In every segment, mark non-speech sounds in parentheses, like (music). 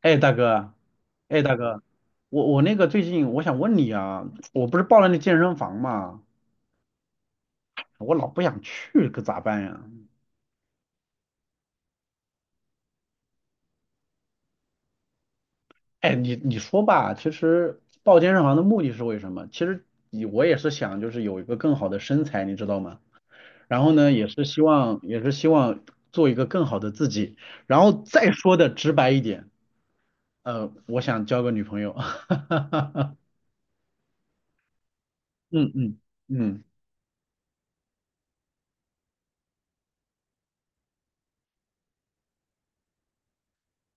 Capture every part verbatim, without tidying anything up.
哎，大哥。哎，大哥，我我那个最近我想问你啊，我不是报了那健身房嘛，我老不想去，可咋办呀？哎，你你说吧，其实报健身房的目的是为什么？其实你我也是想就是有一个更好的身材，你知道吗？然后呢，也是希望也是希望做一个更好的自己，然后再说的直白一点，呃，我想交个女朋友。(laughs) 嗯嗯嗯。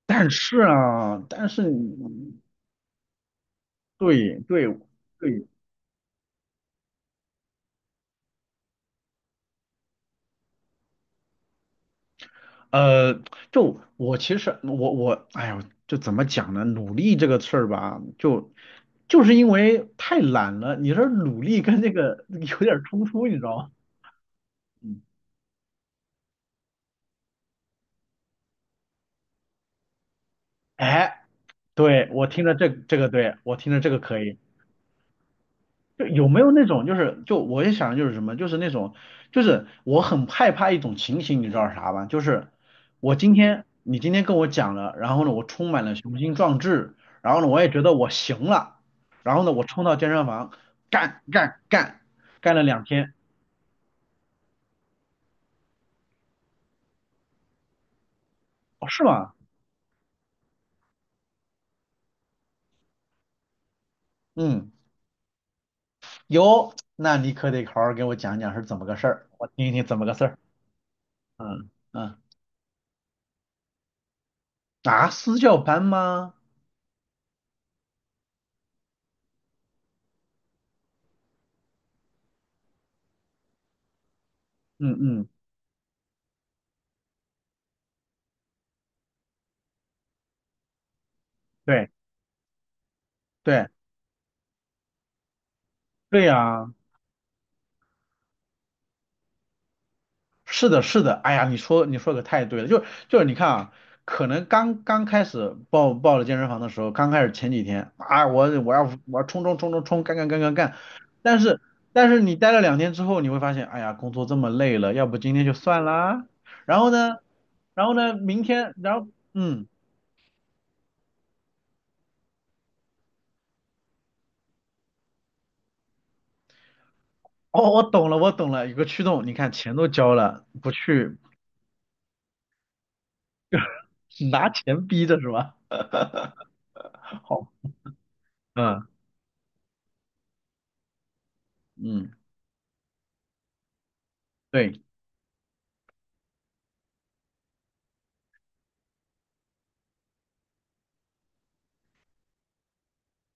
但是啊，但是你。对对对。呃，就我其实我我，哎呦，就怎么讲呢？努力这个事儿吧，就就是因为太懒了，你说努力跟这个有点儿冲突，你知道吗？嗯。哎，对，我听着这这个，对，我听着这个可以。就有没有那种就是就我也想就是什么，就是那种就是我很害怕一种情形，你知道是啥吧？就是我今天你今天跟我讲了，然后呢我充满了雄心壮志，然后呢我也觉得我行了，然后呢我冲到健身房干干干，干了两天。哦是吗？嗯。有，那你可得好好给我讲讲是怎么个事儿，我听一听怎么个事儿。嗯嗯。啊，私教班吗？嗯嗯。对对对呀。是的，是的，哎呀，你说你说可太对了，就就是你看啊，可能刚刚开始报报了健身房的时候，刚开始前几天啊，我我要我要冲冲冲冲冲，干干干干干。但是但是你待了两天之后，你会发现，哎呀，工作这么累了，要不今天就算啦。然后呢，然后呢，明天，然后嗯，哦，我懂了，我懂了，有个驱动，你看钱都交了，不去拿钱逼着是吧？(laughs) 好。嗯嗯。对。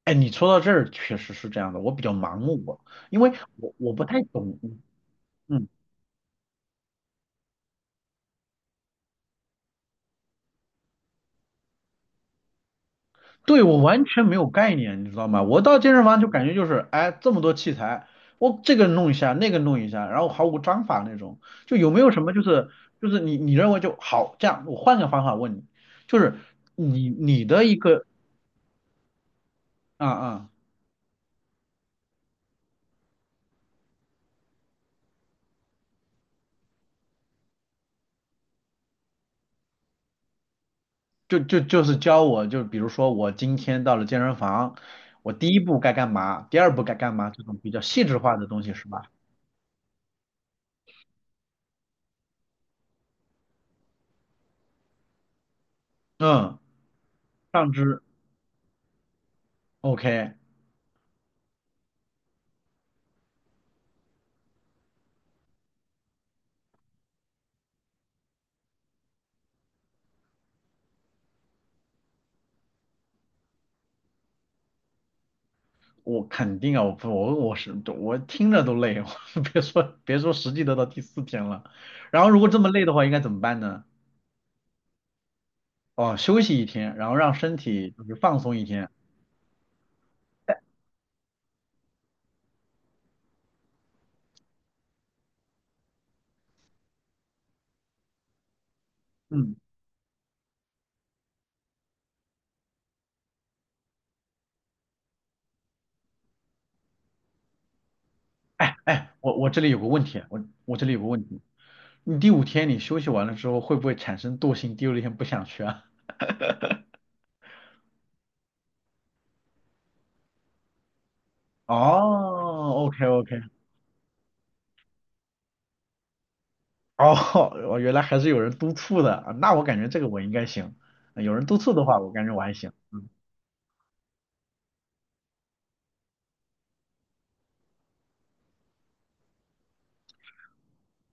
哎，你说到这儿确实是这样的，我比较盲目啊，因为我我不太懂。嗯。对，我完全没有概念，你知道吗？我到健身房就感觉就是，哎，这么多器材，我这个弄一下，那个弄一下，然后毫无章法那种，就有没有什么就是就是你你认为就好这样，我换个方法问你，就是你你的一个啊啊、就就就是教我，就比如说我今天到了健身房，我第一步该干嘛，第二步该干嘛，这种比较细致化的东西是吧？嗯。上肢。 OK。我肯定啊，我不我我是我听着都累哦。(laughs) 我别说别说实际得到第四天了。然后如果这么累的话，应该怎么办呢？哦，休息一天，然后让身体就是放松一天。嗯。哎，我我这里有个问题啊。我我这里有个问题，你第五天你休息完了之后，会不会产生惰性？第六天不想去啊？(laughs) 哦，OK OK。哦，我原来还是有人督促的，啊那我感觉这个我应该行，有人督促的话，我感觉我还行。嗯。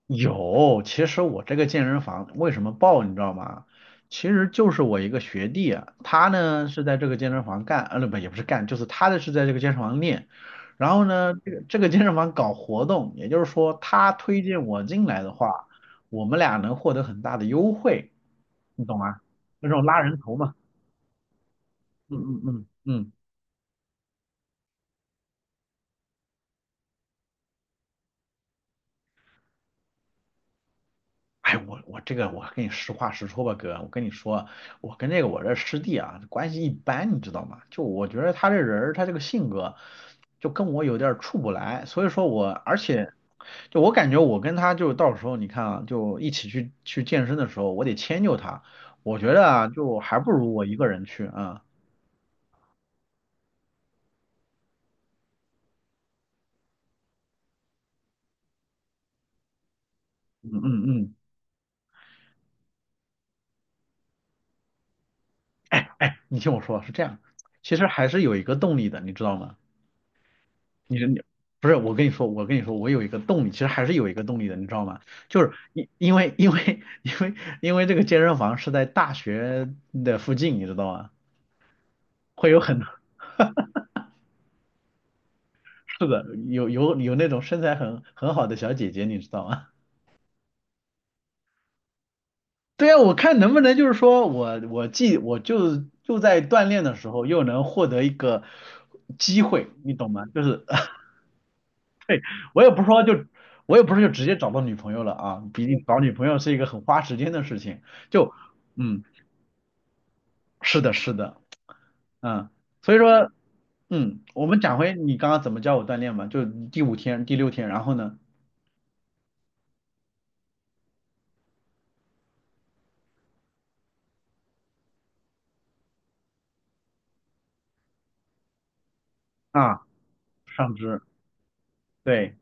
有，其实我这个健身房为什么爆，你知道吗？其实就是我一个学弟啊，他呢是在这个健身房干，呃，不，也不是干，就是他的是在这个健身房练。然后呢，这个这个健身房搞活动，也就是说他推荐我进来的话，我们俩能获得很大的优惠，你懂吗？那种拉人头嘛。嗯嗯嗯嗯。哎，我我这个我跟你实话实说吧，哥，我跟你说，我跟这个我这师弟啊关系一般，你知道吗？就我觉得他这人儿，他这个性格，就跟我有点儿处不来，所以说我而且就我感觉我跟他，就到时候你看啊，就一起去去健身的时候，我得迁就他，我觉得啊就还不如我一个人去啊。嗯嗯嗯。你听我说是这样，其实还是有一个动力的，你知道吗？你你不是，我跟你说，我跟你说，我有一个动力，其实还是有一个动力的，你知道吗？就是因因为因为 (laughs) 因为因为这个健身房是在大学的附近，你知道吗？会有很多。 (laughs) 是的，有有有那种身材很很好的小姐姐，你知道吗？(laughs) 对啊，我看能不能就是说我我既我就就在锻炼的时候又能获得一个机会，你懂吗？就是我也不是说就，我也不是就直接找到女朋友了啊，毕竟找女朋友是一个很花时间的事情。就，嗯，是的，是的。嗯。所以说，嗯，我们讲回你刚刚怎么教我锻炼吧。就第五天、第六天，然后呢，啊，上肢，对，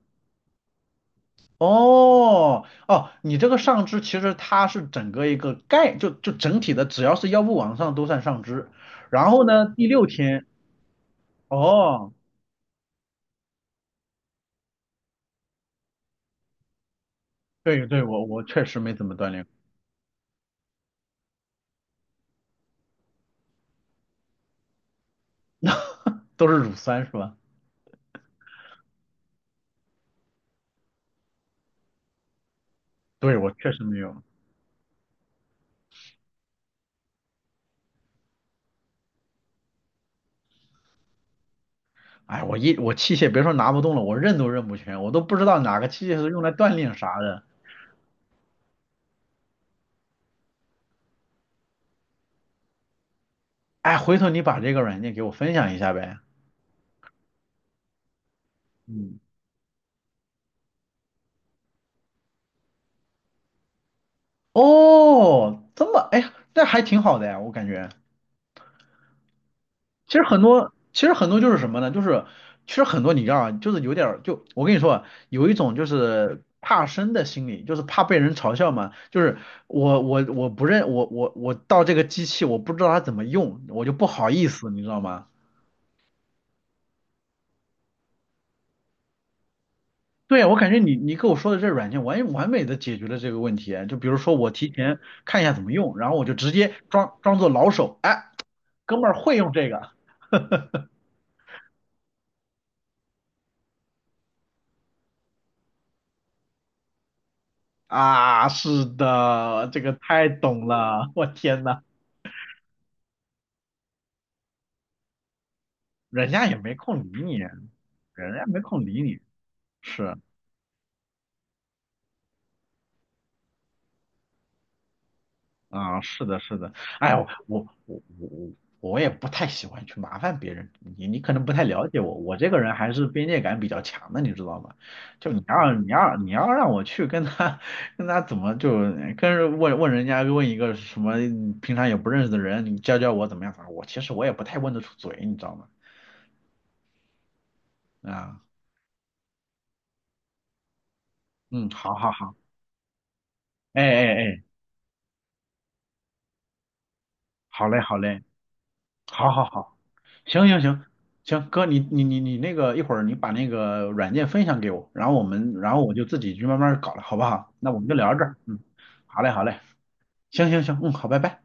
哦，哦，你这个上肢其实它是整个一个概，就就整体的，只要是腰部往上都算上肢。然后呢，第六天。哦，对对，我我确实没怎么锻炼。都是乳酸是吧？对，我确实没有。哎，我一我器械别说拿不动了，我认都认不全，我都不知道哪个器械是用来锻炼啥的。哎，回头你把这个软件给我分享一下呗。嗯。哦，这么，哎，那还挺好的呀，我感觉。其实很多，其实很多就是什么呢？就是其实很多你知道啊，就是有点儿就我跟你说啊有一种就是怕生的心理，就是怕被人嘲笑嘛。就是我我我不认我我我到这个机器，我不知道它怎么用，我就不好意思，你知道吗？对啊，我感觉你你跟我说的这软件完完美的解决了这个问题啊。就比如说我提前看一下怎么用，然后我就直接装装作老手。哎，哥们儿会用这个。 (laughs) 啊，是的，这个太懂了，我天呐，人家也没空理你，人家没空理你，是。啊，是的，是的。哎，我我我我我也不太喜欢去麻烦别人，你你可能不太了解我，我这个人还是边界感比较强的，你知道吗？就你要你要你要让我去跟他 (laughs) 跟他怎么就跟人问问人家问一个什么平常也不认识的人，你教教我怎么样啥，我其实我也不太问得出嘴，你知道吗？啊。嗯。好好好。哎哎哎。好嘞好嘞。好好好。行行行行，哥，你你你你那个一会儿你把那个软件分享给我，然后我们然后我就自己去慢慢搞了，好不好？那我们就聊到这儿，嗯。好嘞好嘞。行行行。嗯。好，拜拜。